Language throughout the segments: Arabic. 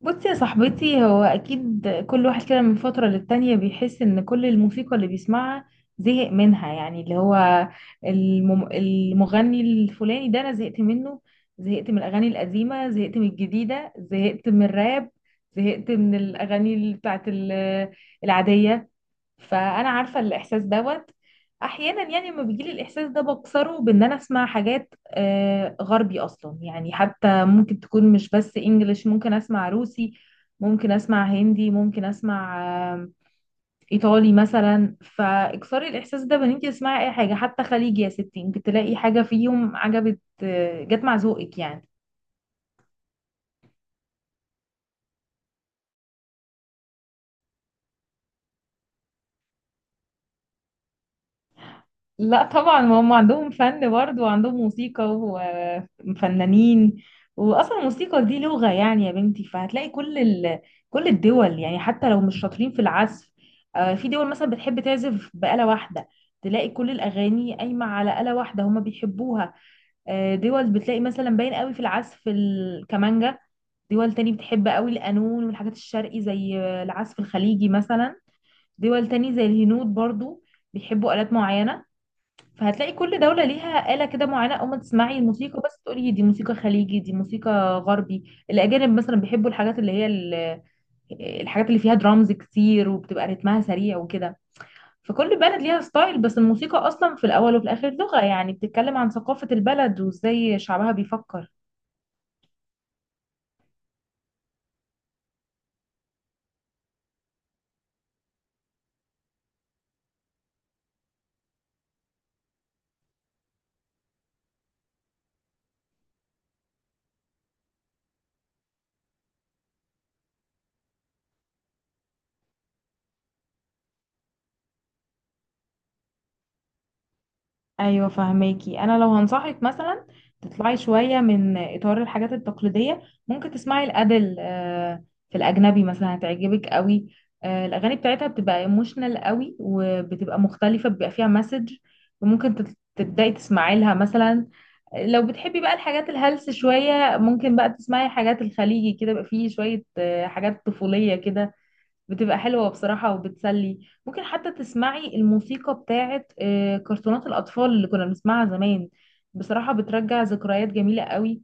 بصي يا صاحبتي، هو اكيد كل واحد كده من فترة للتانية بيحس ان كل الموسيقى اللي بيسمعها زهق منها. يعني اللي هو المغني الفلاني ده انا زهقت منه، زهقت من الاغاني القديمة، زهقت من الجديدة، زهقت من الراب، زهقت من الاغاني ال- بتاعت ال- العادية. فانا عارفه الاحساس دوت. احيانا يعني لما بيجيلي الاحساس ده بكسره بان انا اسمع حاجات غربي اصلا. يعني حتى ممكن تكون مش بس انجليش، ممكن اسمع روسي، ممكن اسمع هندي، ممكن اسمع آه، ايطالي مثلا. فاكسري الاحساس ده بان انت تسمعي اي حاجه، حتى خليجي يا ستي، انت تلاقي حاجه فيهم عجبت جت مع ذوقك يعني. لا طبعا، ما هم عندهم فن برضه وعندهم موسيقى وفنانين، واصلا الموسيقى دي لغة يعني يا بنتي. فهتلاقي كل الدول يعني حتى لو مش شاطرين في العزف. في دول مثلا بتحب تعزف بآلة واحدة، تلاقي كل الأغاني قايمة على آلة واحدة هما بيحبوها. دول بتلاقي مثلا باين قوي في العزف الكمانجا، دول تاني بتحب قوي القانون والحاجات الشرقي زي العزف الخليجي مثلا، دول تاني زي الهنود برضو بيحبوا آلات معينة. فهتلاقي كل دولة ليها آلة كده معينة، أول ما تسمعي الموسيقى بس تقولي دي موسيقى خليجي دي موسيقى غربي. الأجانب مثلا بيحبوا الحاجات الحاجات اللي فيها درامز كتير وبتبقى رتمها سريع وكده. فكل بلد ليها ستايل، بس الموسيقى أصلا في الأول وفي الآخر لغة، يعني بتتكلم عن ثقافة البلد وإزاي شعبها بيفكر. ايوه فهماكي. انا لو هنصحك مثلا تطلعي شويه من اطار الحاجات التقليديه، ممكن تسمعي الادل. في الاجنبي مثلا هتعجبك قوي، الاغاني بتاعتها بتبقى ايموشنال قوي وبتبقى مختلفه بيبقى فيها مسج، وممكن تبداي تسمعي لها مثلا. لو بتحبي بقى الحاجات الهلس شويه، ممكن بقى تسمعي حاجات الخليجي كده، بقى فيه شويه حاجات طفوليه كده، بتبقى حلوة بصراحة وبتسلي. ممكن حتى تسمعي الموسيقى بتاعت كرتونات الأطفال اللي كنا بنسمعها زمان. بصراحة بترجع ذكريات جميلة قوي،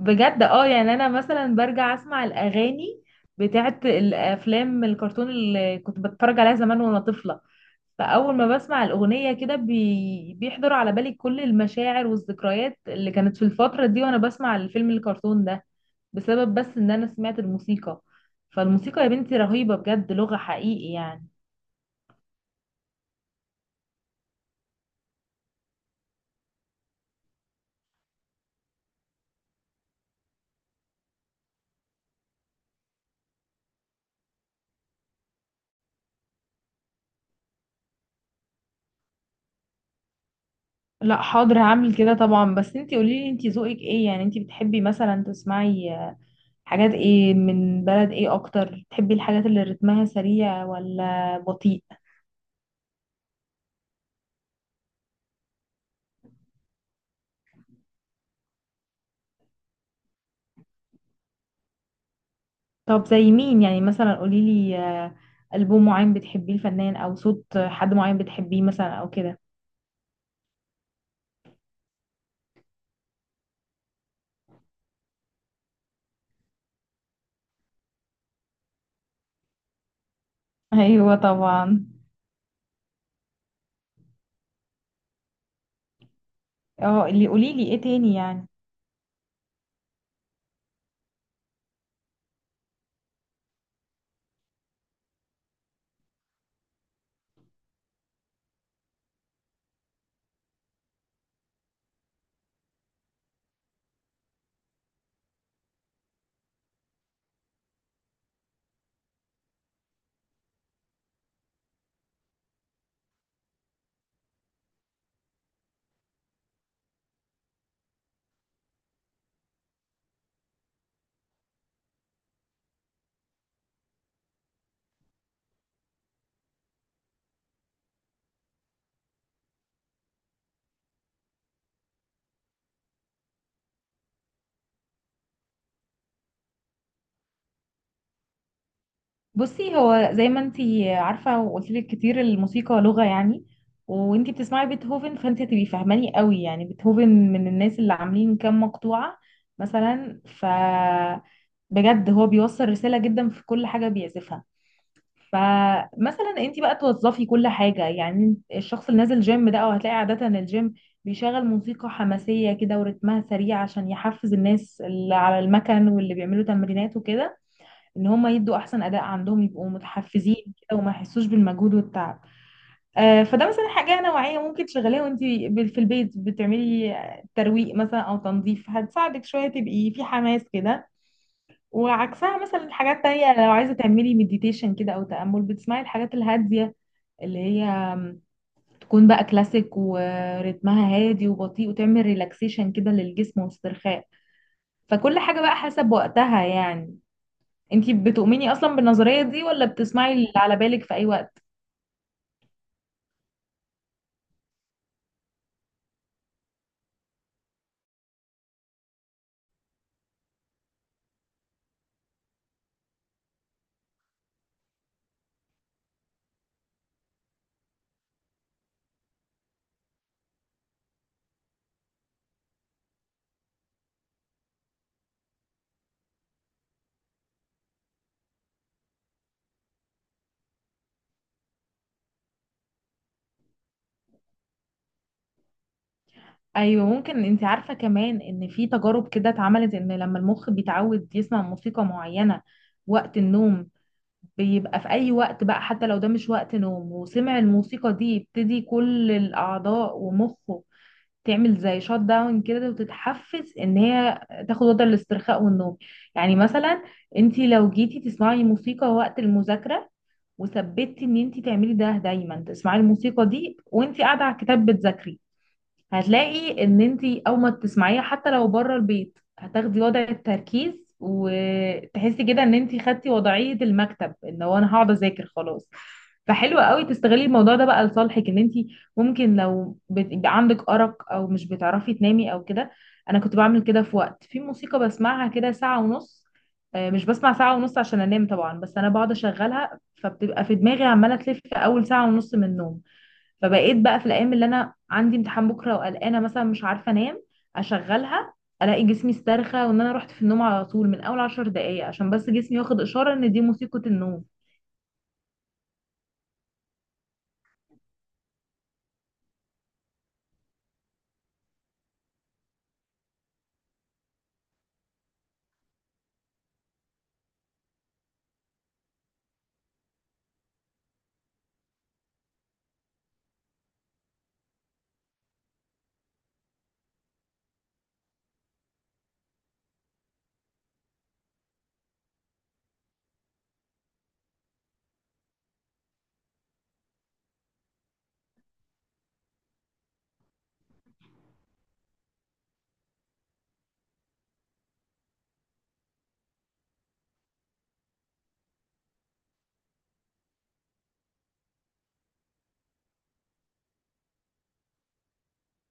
وبجد اه يعني أنا مثلا برجع أسمع الأغاني بتاعت الأفلام الكرتون اللي كنت بتفرج عليها زمان وأنا طفلة. فأول ما بسمع الأغنية كده بيحضر على بالي كل المشاعر والذكريات اللي كانت في الفترة دي وأنا بسمع الفيلم الكرتون ده، بسبب بس ان انا سمعت الموسيقى. فالموسيقى يا بنتي رهيبة بجد، لغة حقيقي يعني. لا حاضر هعمل كده طبعا، بس انتي قوليلي انتي ذوقك ايه. يعني انتي بتحبي مثلا تسمعي حاجات ايه من بلد ايه اكتر؟ بتحبي الحاجات اللي رتمها سريع ولا بطيء؟ طب زي مين يعني؟ مثلا قوليلي ألبوم معين بتحبيه، الفنان او صوت حد معين بتحبيه مثلا او كده. ايوه طبعا. اه اللي قوليلي ايه تاني يعني. بصي هو زي ما انتي عارفة وقلت لك كتير، الموسيقى لغة يعني، وانتي بتسمعي بيتهوفن فانتي هتبقي فاهماني قوي. يعني بيتهوفن من الناس اللي عاملين كام مقطوعة مثلا، ف بجد هو بيوصل رسالة جدا في كل حاجة بيعزفها. فمثلا انتي بقى توظفي كل حاجة. يعني الشخص اللي نازل جيم ده، او هتلاقي عادة الجيم بيشغل موسيقى حماسية كده ورتمها سريع عشان يحفز الناس اللي على المكن واللي بيعملوا تمرينات وكده، ان هم يدوا احسن اداء عندهم يبقوا متحفزين كده وما يحسوش بالمجهود والتعب. فده مثلا حاجه نوعيه ممكن تشغليها وانت في البيت بتعملي ترويق مثلا او تنظيف، هتساعدك شويه تبقي في حماس كده. وعكسها مثلا حاجات تانية، لو عايزه تعملي مديتيشن كده او تامل، بتسمعي الحاجات الهاديه اللي هي تكون بقى كلاسيك ورتمها هادي وبطيء، وتعمل ريلاكسيشن كده للجسم واسترخاء. فكل حاجه بقى حسب وقتها يعني. انتي بتؤمني اصلا بالنظرية دي ولا بتسمعي اللي على بالك في اي وقت؟ ايوه ممكن انتي عارفة كمان ان في تجارب كده اتعملت، ان لما المخ بيتعود يسمع موسيقى معينة وقت النوم، بيبقى في اي وقت بقى حتى لو ده مش وقت نوم وسمع الموسيقى دي، يبتدي كل الاعضاء ومخه تعمل زي شوت داون كده، وتتحفز ان هي تاخد وضع الاسترخاء والنوم. يعني مثلا انتي لو جيتي تسمعي موسيقى وقت المذاكرة وثبتي ان انت تعملي ده دايما، تسمعي الموسيقى دي وانت قاعده على الكتاب بتذاكري، هتلاقي ان انتي او ما تسمعيها حتى لو بره البيت، هتاخدي وضع التركيز وتحسي كده ان انتي خدتي وضعية المكتب ان هو انا هقعد اذاكر خلاص. فحلو قوي تستغلي الموضوع ده بقى لصالحك، ان انتي ممكن لو بيبقى عندك ارق او مش بتعرفي تنامي او كده. انا كنت بعمل كده، في وقت في موسيقى بسمعها كده ساعة ونص. مش بسمع ساعة ونص عشان انام طبعا، بس انا بقعد اشغلها فبتبقى في دماغي عمالة تلف اول ساعة ونص من النوم. فبقيت بقى في الايام اللي انا عندي امتحان بكره وقلقانه مثلا مش عارفه انام، اشغلها، الاقي جسمي استرخى وان انا رحت في النوم على طول من اول 10 دقايق، عشان بس جسمي واخد اشاره ان دي موسيقى النوم.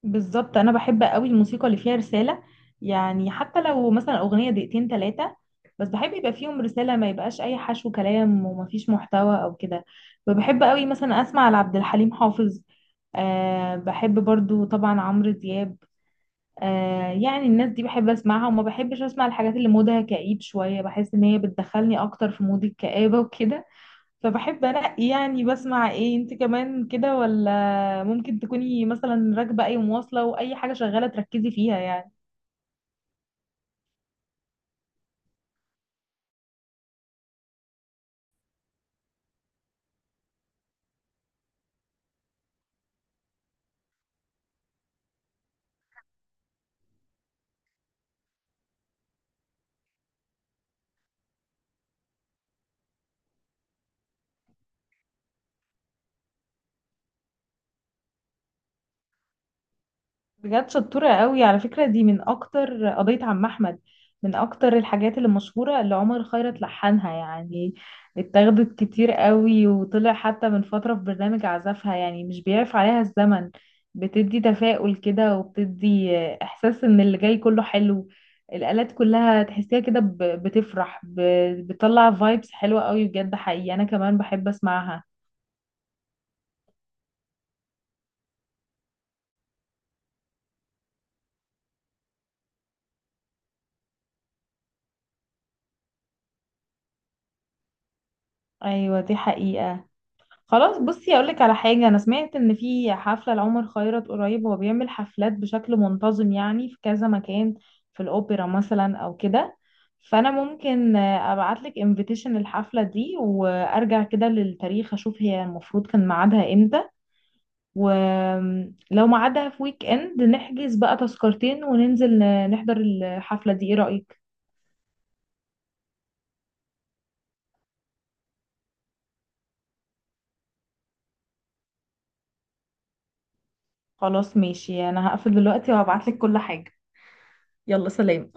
بالظبط، انا بحب قوي الموسيقى اللي فيها رساله. يعني حتى لو مثلا اغنيه 2 أو 3 دقايق، بس بحب يبقى فيهم رساله، ما يبقاش اي حشو كلام ومفيش محتوى او كده. فبحب قوي مثلا اسمع لعبد الحليم حافظ، أه بحب برضو طبعا عمرو دياب. آه يعني الناس دي بحب اسمعها، وما بحبش اسمع الحاجات اللي مودها كئيب شوية، بحس ان هي بتدخلني اكتر في مود الكآبة وكده. فبحب انقي يعني. بسمع ايه انت كمان كده ولا ممكن تكوني مثلا راكبة اي مواصلة واي حاجة شغالة تركزي فيها يعني؟ بجد شطورة قوي على فكرة دي. من أكتر قضية عم أحمد، من أكتر الحاجات اللي مشهورة اللي عمر خيرت لحنها يعني، اتاخدت كتير قوي وطلع حتى من فترة في برنامج عزفها، يعني مش بيعرف عليها الزمن. بتدي تفاؤل كده وبتدي إحساس إن اللي جاي كله حلو. الآلات كلها تحسيها كده بتفرح، بتطلع فايبس حلوة قوي بجد حقيقي. أنا كمان بحب أسمعها. أيوة دي حقيقة. خلاص بصي اقول لك على حاجه، انا سمعت ان في حفله لعمر خيرت قريب، هو بيعمل حفلات بشكل منتظم يعني في كذا مكان، في الاوبرا مثلا او كده. فانا ممكن ابعت لك انفيتيشن للحفله دي، وارجع كده للتاريخ اشوف هي المفروض كان ميعادها امتى، ولو ميعادها في ويك اند نحجز بقى تذكرتين وننزل نحضر الحفله دي. ايه رايك؟ خلاص ماشي، انا هقفل دلوقتي وهبعت لك كل حاجه. يلا سلام.